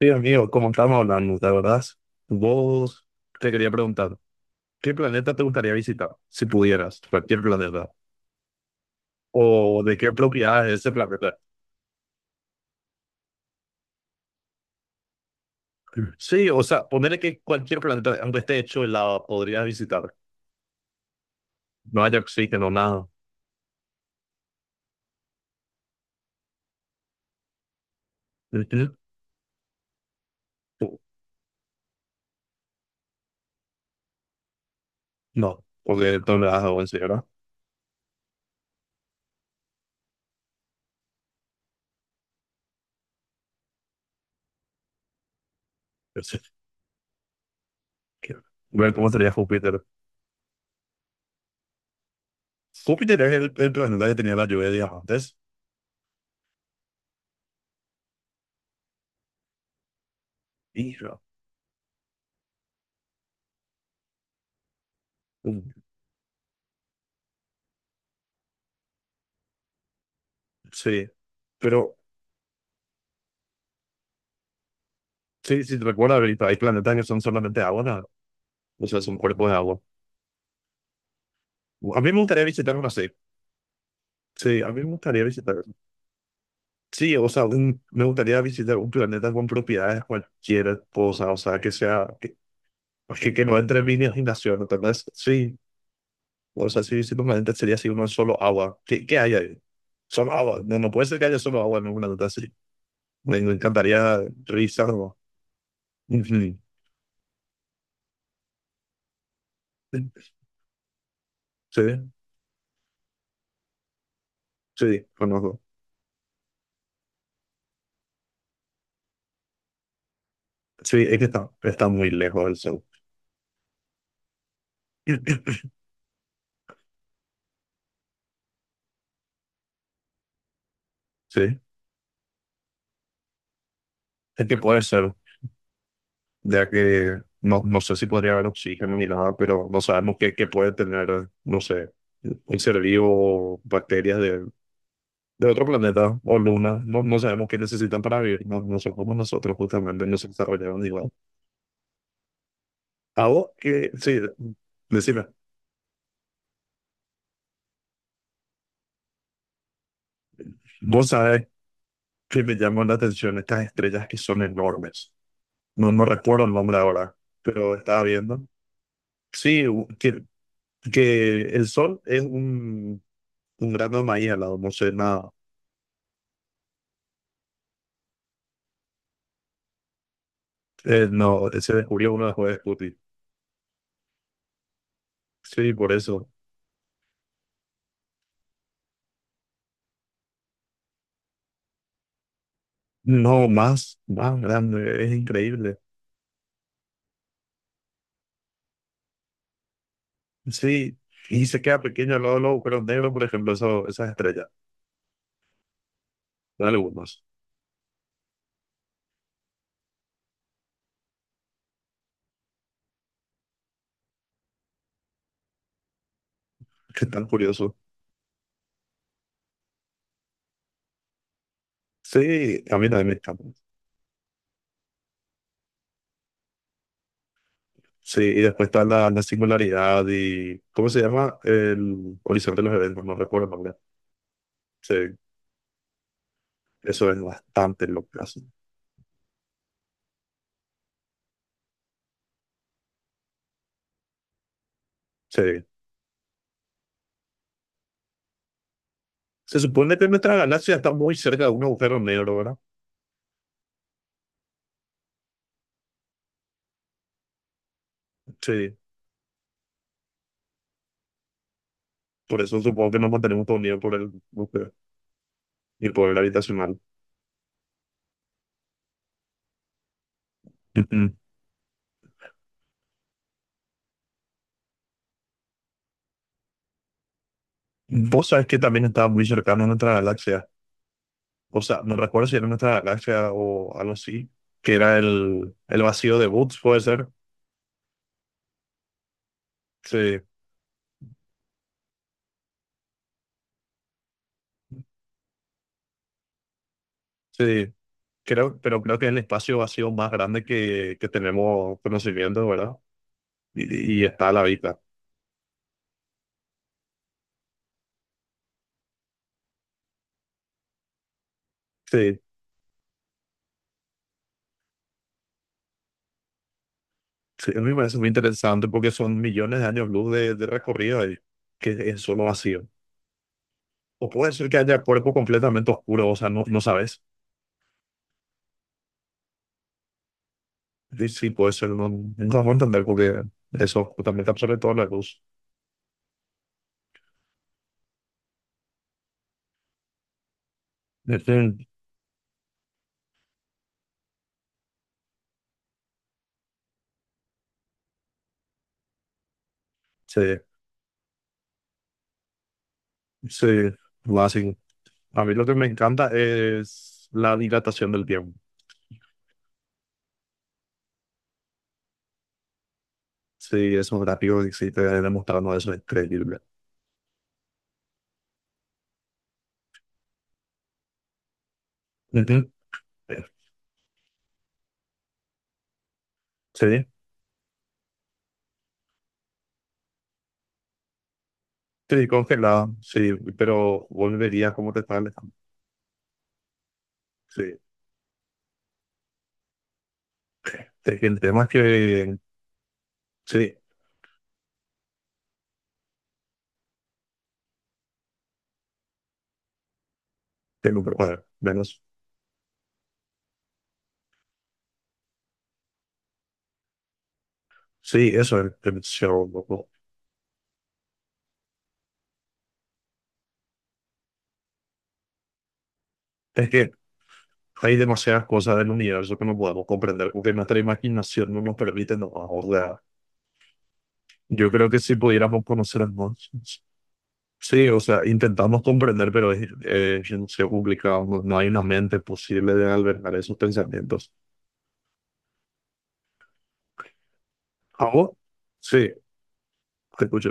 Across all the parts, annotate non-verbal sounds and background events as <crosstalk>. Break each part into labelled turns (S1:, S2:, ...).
S1: Sí, amigo, como estábamos hablando, ¿te acordás? Vos te quería preguntar, ¿qué planeta te gustaría visitar si pudieras? Cualquier planeta. ¿O de qué propiedad es ese planeta? Sí, o sea, ponerle que cualquier planeta, aunque esté hecho de lava, podrías visitar. No haya oxígeno, nada. No, porque no le das agua en ¿verdad? Yo sé que- Ver <laughs> cómo sería Júpiter. Júpiter es el planeta que tenía la lluvia de diamantes. Y, sí, pero sí, sí, te recuerda, ahorita hay planetas que son solamente agua, nada. O sea, son cuerpos de agua. A mí me gustaría visitar uno así. Sí, a mí me gustaría visitar. Sí, o sea, me gustaría visitar un planeta con propiedades cualquier cosa, o sea, que sea, que no entre en mi imaginación, ¿entendés? Sí, o sea, sí, sí, planeta sería así uno solo agua. ¿Qué, qué hay ahí? Solo agua. No, no puede ser que haya solo agua en un planeta así. Me encantaría revisarlo. Ujú. Sí, sí, conozco. Sí, es que está, está muy lejos del sol. <clears throat> <laughs> Sí. Es que puede ser, ya que no, no sé si podría haber oxígeno ni nada, pero no sabemos qué, qué puede tener, no sé, un ser vivo, bacterias de otro planeta o luna. No, no sabemos qué necesitan para vivir. No, no somos nosotros, justamente, no se desarrollaron igual. A vos, que, sí, decime, vos sabés que me llaman la atención estas estrellas que son enormes. No, no recuerdo el nombre ahora, pero estaba viendo. Sí, que el Sol es un grano de maíz al lado, no sé nada. No, ese descubrió uno de Scooby. Sí, por eso. No, más, más grande, es increíble. Sí, y se queda pequeño al lado de los agujeros negros, por ejemplo, eso, esas estrellas. Son algunos, que están curiosos. Sí, a mí también me encantan. Sí, y después está la singularidad y. ¿Cómo se llama? El horizonte de los eventos, no recuerdo el nombre. Sí, eso es bastante loco. Sí. Se supone que nuestra galaxia está muy cerca de un agujero negro, ¿verdad? Sí. Por eso supongo que nos mantenemos todos unidos por el. Y poder habitacional. Ujú. Vos sabés que también estaba muy cercano a nuestra galaxia. O sea, no recuerdo si era nuestra galaxia o algo así, que era el vacío de Boots, puede ser. Sí, sí. Creo, pero creo que es el espacio vacío más grande que tenemos conocimiento, ¿verdad? Y está a la vista. Sí, sí, a mí me parece muy interesante porque son millones de años luz de recorrido ahí, que es solo vacío. O puede ser que haya cuerpo completamente oscuro, o sea, no, no sabes. Sí, sí, puede ser, no, no puedo entender porque eso justamente absorbe toda la luz. Ujú. Sí, sí, va así. A mí lo que me encanta es la dilatación del tiempo. Sí, es un gráfico que sí te demostrando eso, es increíble. Ujú. Sí, sí, congelado, sí, pero volverías como te sale. Sí, sí, el tema es que, sí, tengo que menos. Sí, eso es el show, loco. Es que hay demasiadas cosas del universo que no podemos comprender, porque nuestra imaginación no nos permite nada. O sea, yo creo que si pudiéramos conocer el mundo, sí, o sea, intentamos comprender, pero es complicado. No no hay una mente posible de albergar esos pensamientos. ¿A vos? Sí, te escucho.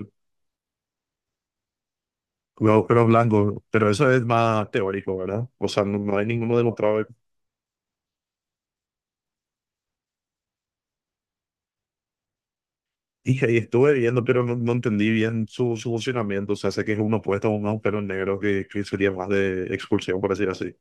S1: Los pero blanco, pero eso es más teórico, ¿verdad? O sea, no, no hay ninguno demostrado. Dije, y estuve viendo, pero no, no entendí bien su, su funcionamiento. O sea, sé que es uno opuesto a un agujero negro que sería más de expulsión, por decir así.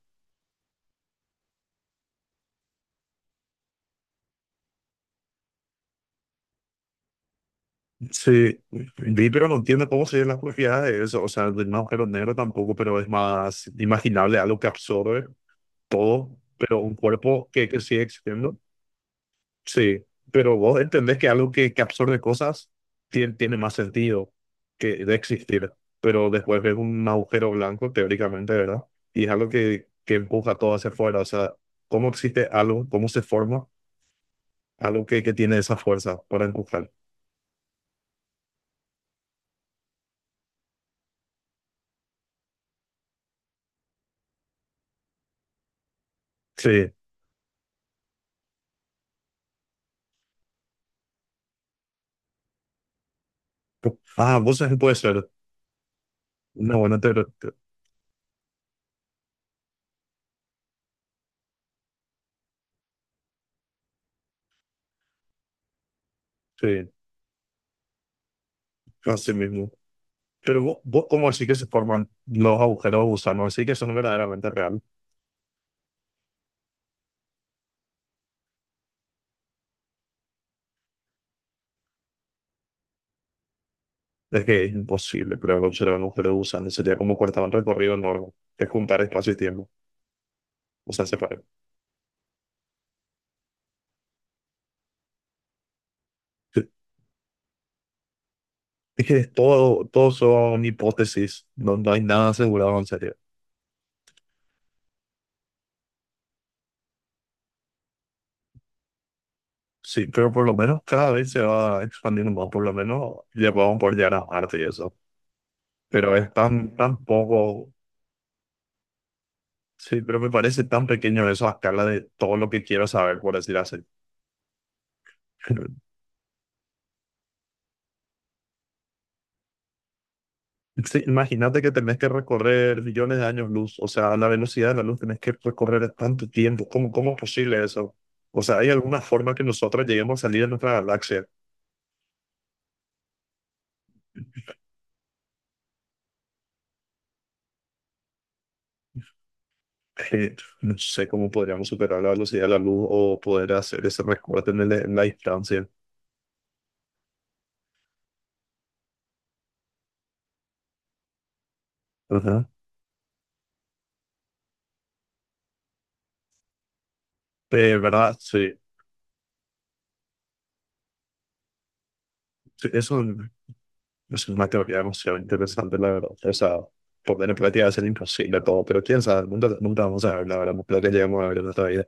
S1: Sí, vi, pero no entiendo cómo serían las propiedades de eso. O sea, de un agujero negro tampoco, pero es más imaginable algo que absorbe todo, pero un cuerpo que sigue existiendo. Sí, pero vos entendés que algo que absorbe cosas tiene más sentido que de existir. Pero después ves un agujero blanco, teóricamente, ¿verdad? Y es algo que empuja todo hacia afuera. O sea, ¿cómo existe algo? ¿Cómo se forma algo que tiene esa fuerza para empujar? Sí. Ah, vos sabés, puede ser una buena teoría, sí, así mismo. Pero vos, ¿cómo decís que se forman los agujeros de gusano? Así que eso no es verdaderamente real. Es que es imposible crear un agujero de gusano. Sería como cortar un recorrido enorme, que es juntar espacio y tiempo. O sea, separar. Sí. Es que es todo, todo son hipótesis, no, no hay nada asegurado en serio. Sí, pero por lo menos cada vez se va expandiendo más, por lo menos ya podemos por llegar a Marte y eso. Pero es tan, tan poco. Sí, pero me parece tan pequeño eso a escala de todo lo que quiero saber, por decir así. <laughs> Sí, imagínate que tenés que recorrer millones de años luz, o sea, a la velocidad de la luz tenés que recorrer tanto tiempo. ¿Cómo, cómo es posible eso? O sea, ¿hay alguna forma que nosotros lleguemos a salir de nuestra galaxia? Eh, no sé cómo podríamos superar la velocidad de la luz o poder hacer ese recorte en, en la distancia. Ajá. ¿Verdad? Sí. Sí, eso es una teoría demasiado interesante, la verdad. O sea, poner en práctica es imposible todo, pero quién sabe, nunca, nunca vamos a ver, la verdad, nunca que llegamos a ver en nuestra vida.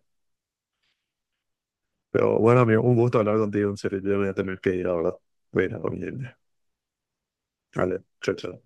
S1: Pero bueno, amigo, un gusto hablar contigo, en serio, yo voy a tener que ir, la verdad. Voy a ir a dormir. Vale, chao, chao.